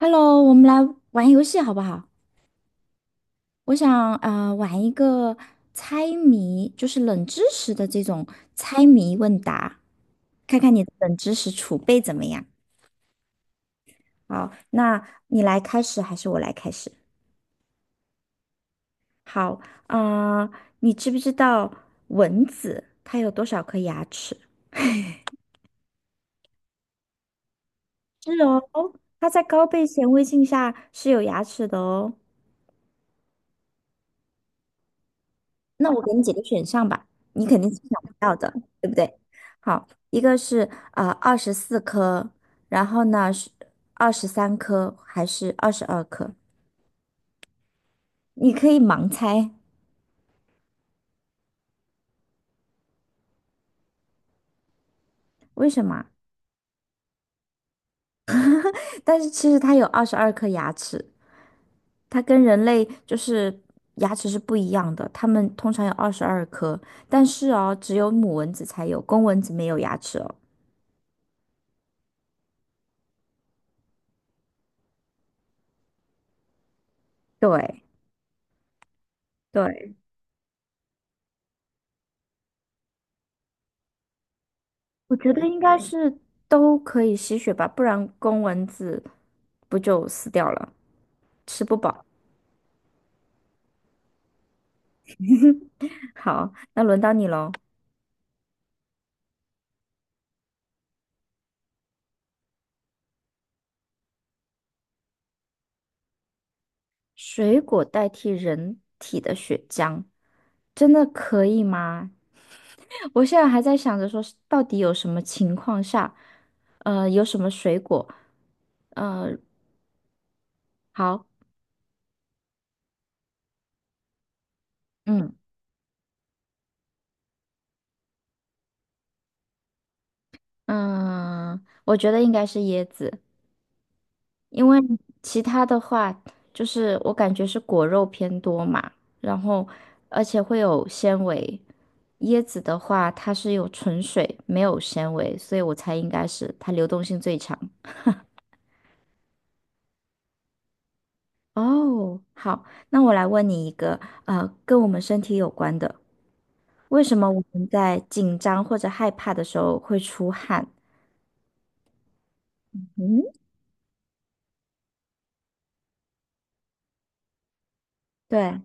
Hello，我们来玩游戏好不好？我想玩一个猜谜，就是冷知识的这种猜谜问答，看看你的冷知识储备怎么样。好，那你来开始还是我来开始？好，呃，你知不知道蚊子它有多少颗牙齿？是哦，它在高倍显微镜下是有牙齿的哦。那我给你几个选项吧，你肯定是想不到的，对不对？好，一个是24颗，然后呢是23颗还是二十二颗？你可以盲猜，为什么？但是其实它有22颗牙齿，它跟人类就是牙齿是不一样的，它们通常有二十二颗，但是哦，只有母蚊子才有，公蚊子没有牙齿哦。对。对，我觉得应该是都可以吸血吧，不然公蚊子不就死掉了，吃不饱。好，那轮到你喽。水果代替人体的血浆，真的可以吗？我现在还在想着说是到底有什么情况下，有什么水果，呃，好，嗯嗯，我觉得应该是椰子。因为其他的话，就是我感觉是果肉偏多嘛，然后而且会有纤维。椰子的话，它是有纯水，没有纤维，所以我猜应该是它流动性最强。哦，好，那我来问你一个，跟我们身体有关的，为什么我们在紧张或者害怕的时候会出汗？嗯，对，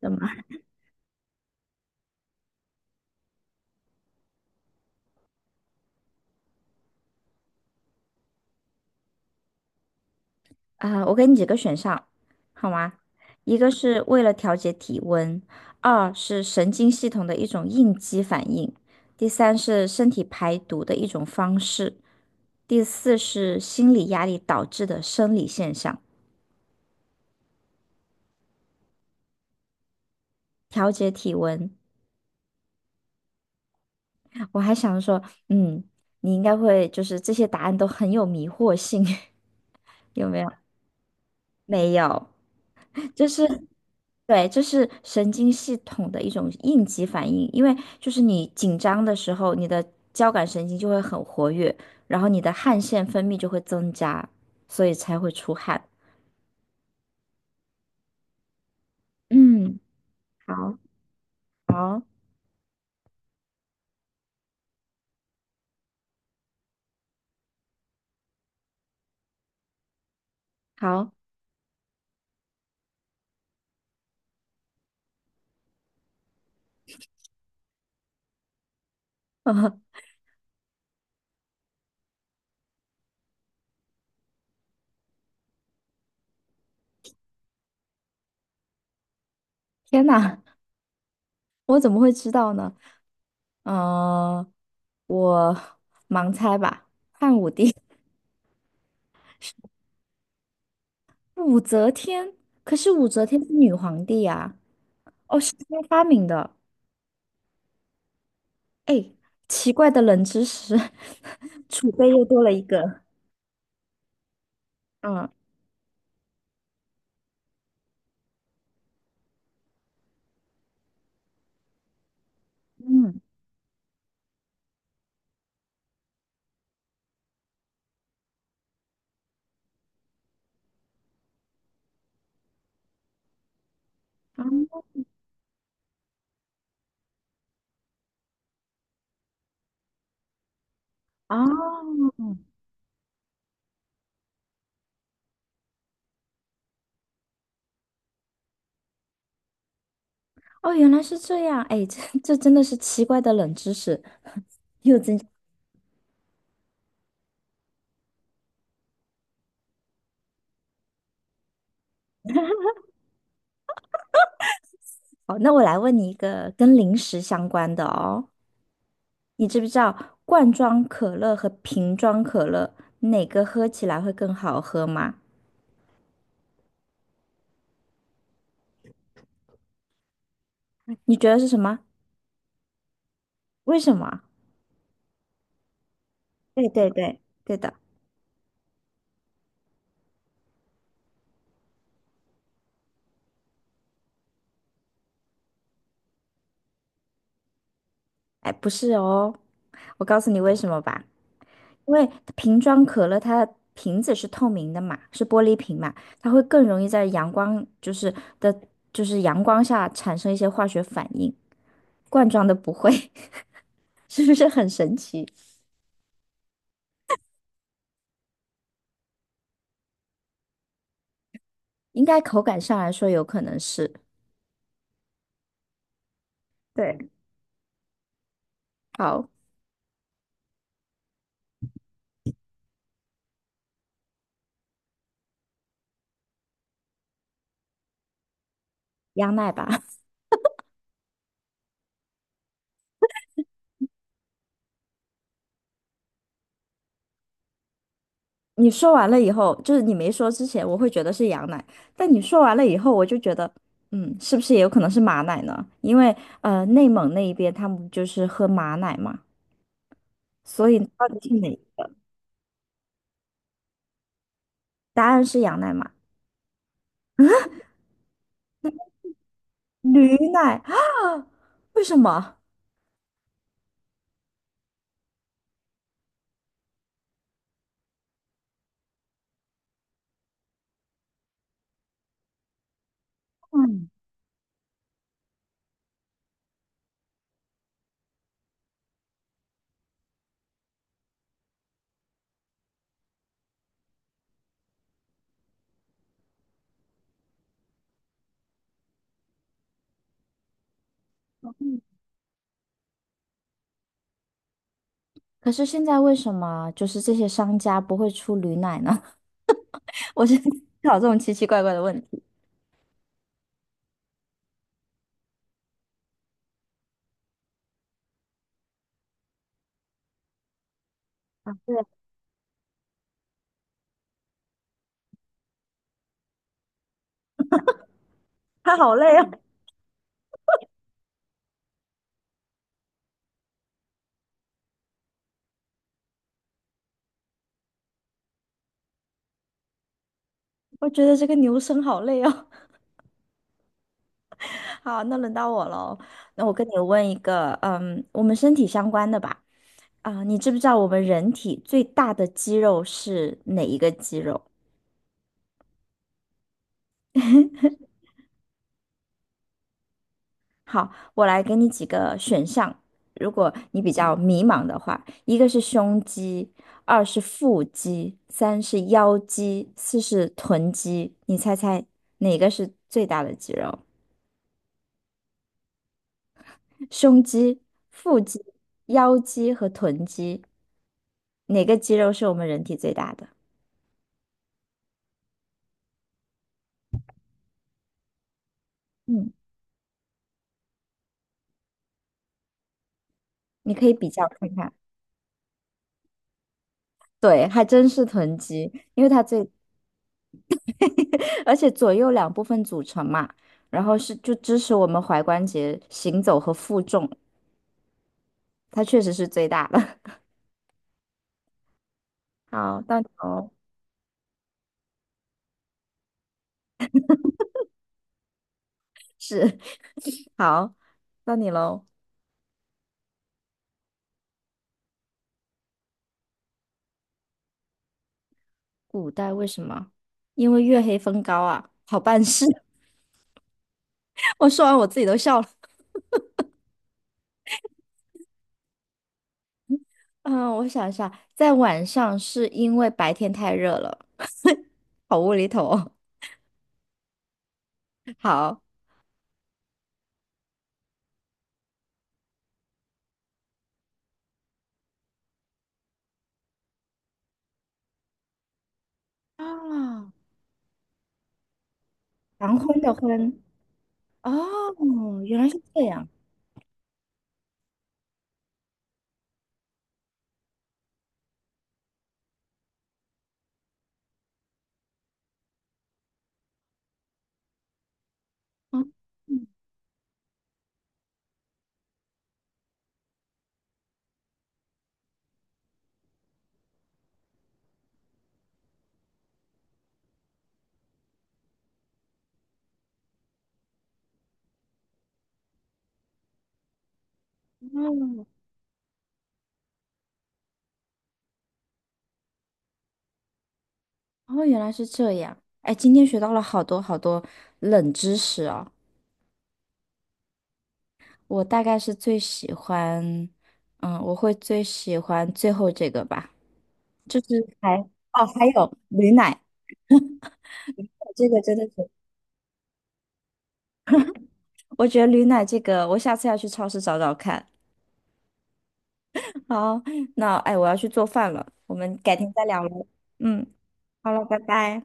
怎么？啊，我给你几个选项，好吗？一个是为了调节体温，二是神经系统的一种应激反应，第三是身体排毒的一种方式，第四是心理压力导致的生理现象。调节体温，我还想说，嗯，你应该会就是这些答案都很有迷惑性，有没有？没有。这是对，这是神经系统的一种应急反应，因为就是你紧张的时候，你的交感神经就会很活跃，然后你的汗腺分泌就会增加，所以才会出汗。嗯，好，好，好，呃天哪，我怎么会知道呢？嗯、我盲猜吧，汉武帝，武则天，可是武则天是女皇帝呀、哦，是她发明的。哎，奇怪的冷知识，储备又多了一个。嗯嗯啊哦哦，原来是这样。哎，这真的是奇怪的冷知识，又增加。好，那我来问你一个跟零食相关的哦。你知不知道罐装可乐和瓶装可乐哪个喝起来会更好喝吗？你觉得是什么？为什么？对对对，对的。哎，不是哦，我告诉你为什么吧。因为瓶装可乐它的瓶子是透明的嘛，是玻璃瓶嘛，它会更容易在阳光就是的，就是阳光下产生一些化学反应，罐装的不会，是不是很神奇？应该口感上来说有可能是，对，好，羊奶吧。你说完了以后，就是你没说之前，我会觉得是羊奶，但你说完了以后，我就觉得，嗯，是不是也有可能是马奶呢？因为内蒙那一边他们就是喝马奶嘛，所以到底是哪？答案是羊奶吗？驴奶啊？为什么？嗯，可是现在为什么就是这些商家不会出驴奶呢？我现在思考这种奇奇怪怪的问题，他好累哦，我觉得这个牛生好累哦。好，那轮到我喽。那我跟你问一个，嗯，我们身体相关的吧。啊、你知不知道我们人体最大的肌肉是哪一个肌肉？好，我来给你几个选项，如果你比较迷茫的话，一个是胸肌，二是腹肌，三是腰肌，四是臀肌，你猜猜哪个是最大的肌肉？胸肌、腹肌、腰肌和臀肌，哪个肌肉是我们人体最大的？嗯，你可以比较看看。对，还真是臀肌，因为它最 而且左右两部分组成嘛，然后是就支持我们踝关节行走和负重，它确实是最大的。好，到你喽，是，好，到你喽。古代为什么？因为月黑风高啊，好办事。我说完我自己都笑了。嗯，我想一下，在晚上是因为白天太热了，好无厘头哦。好，啊，黄昏的昏，哦，原来是这样。哦嗯，哦，哦，原来是这样。哎，今天学到了好多好多冷知识哦。我大概是最喜欢，嗯，我会最喜欢最后这个吧，就是还哦，还有驴奶，这个真的是，我觉得驴奶这个，我下次要去超市找找看。好，那哎，我要去做饭了，我们改天再聊喽。嗯，好了，拜拜。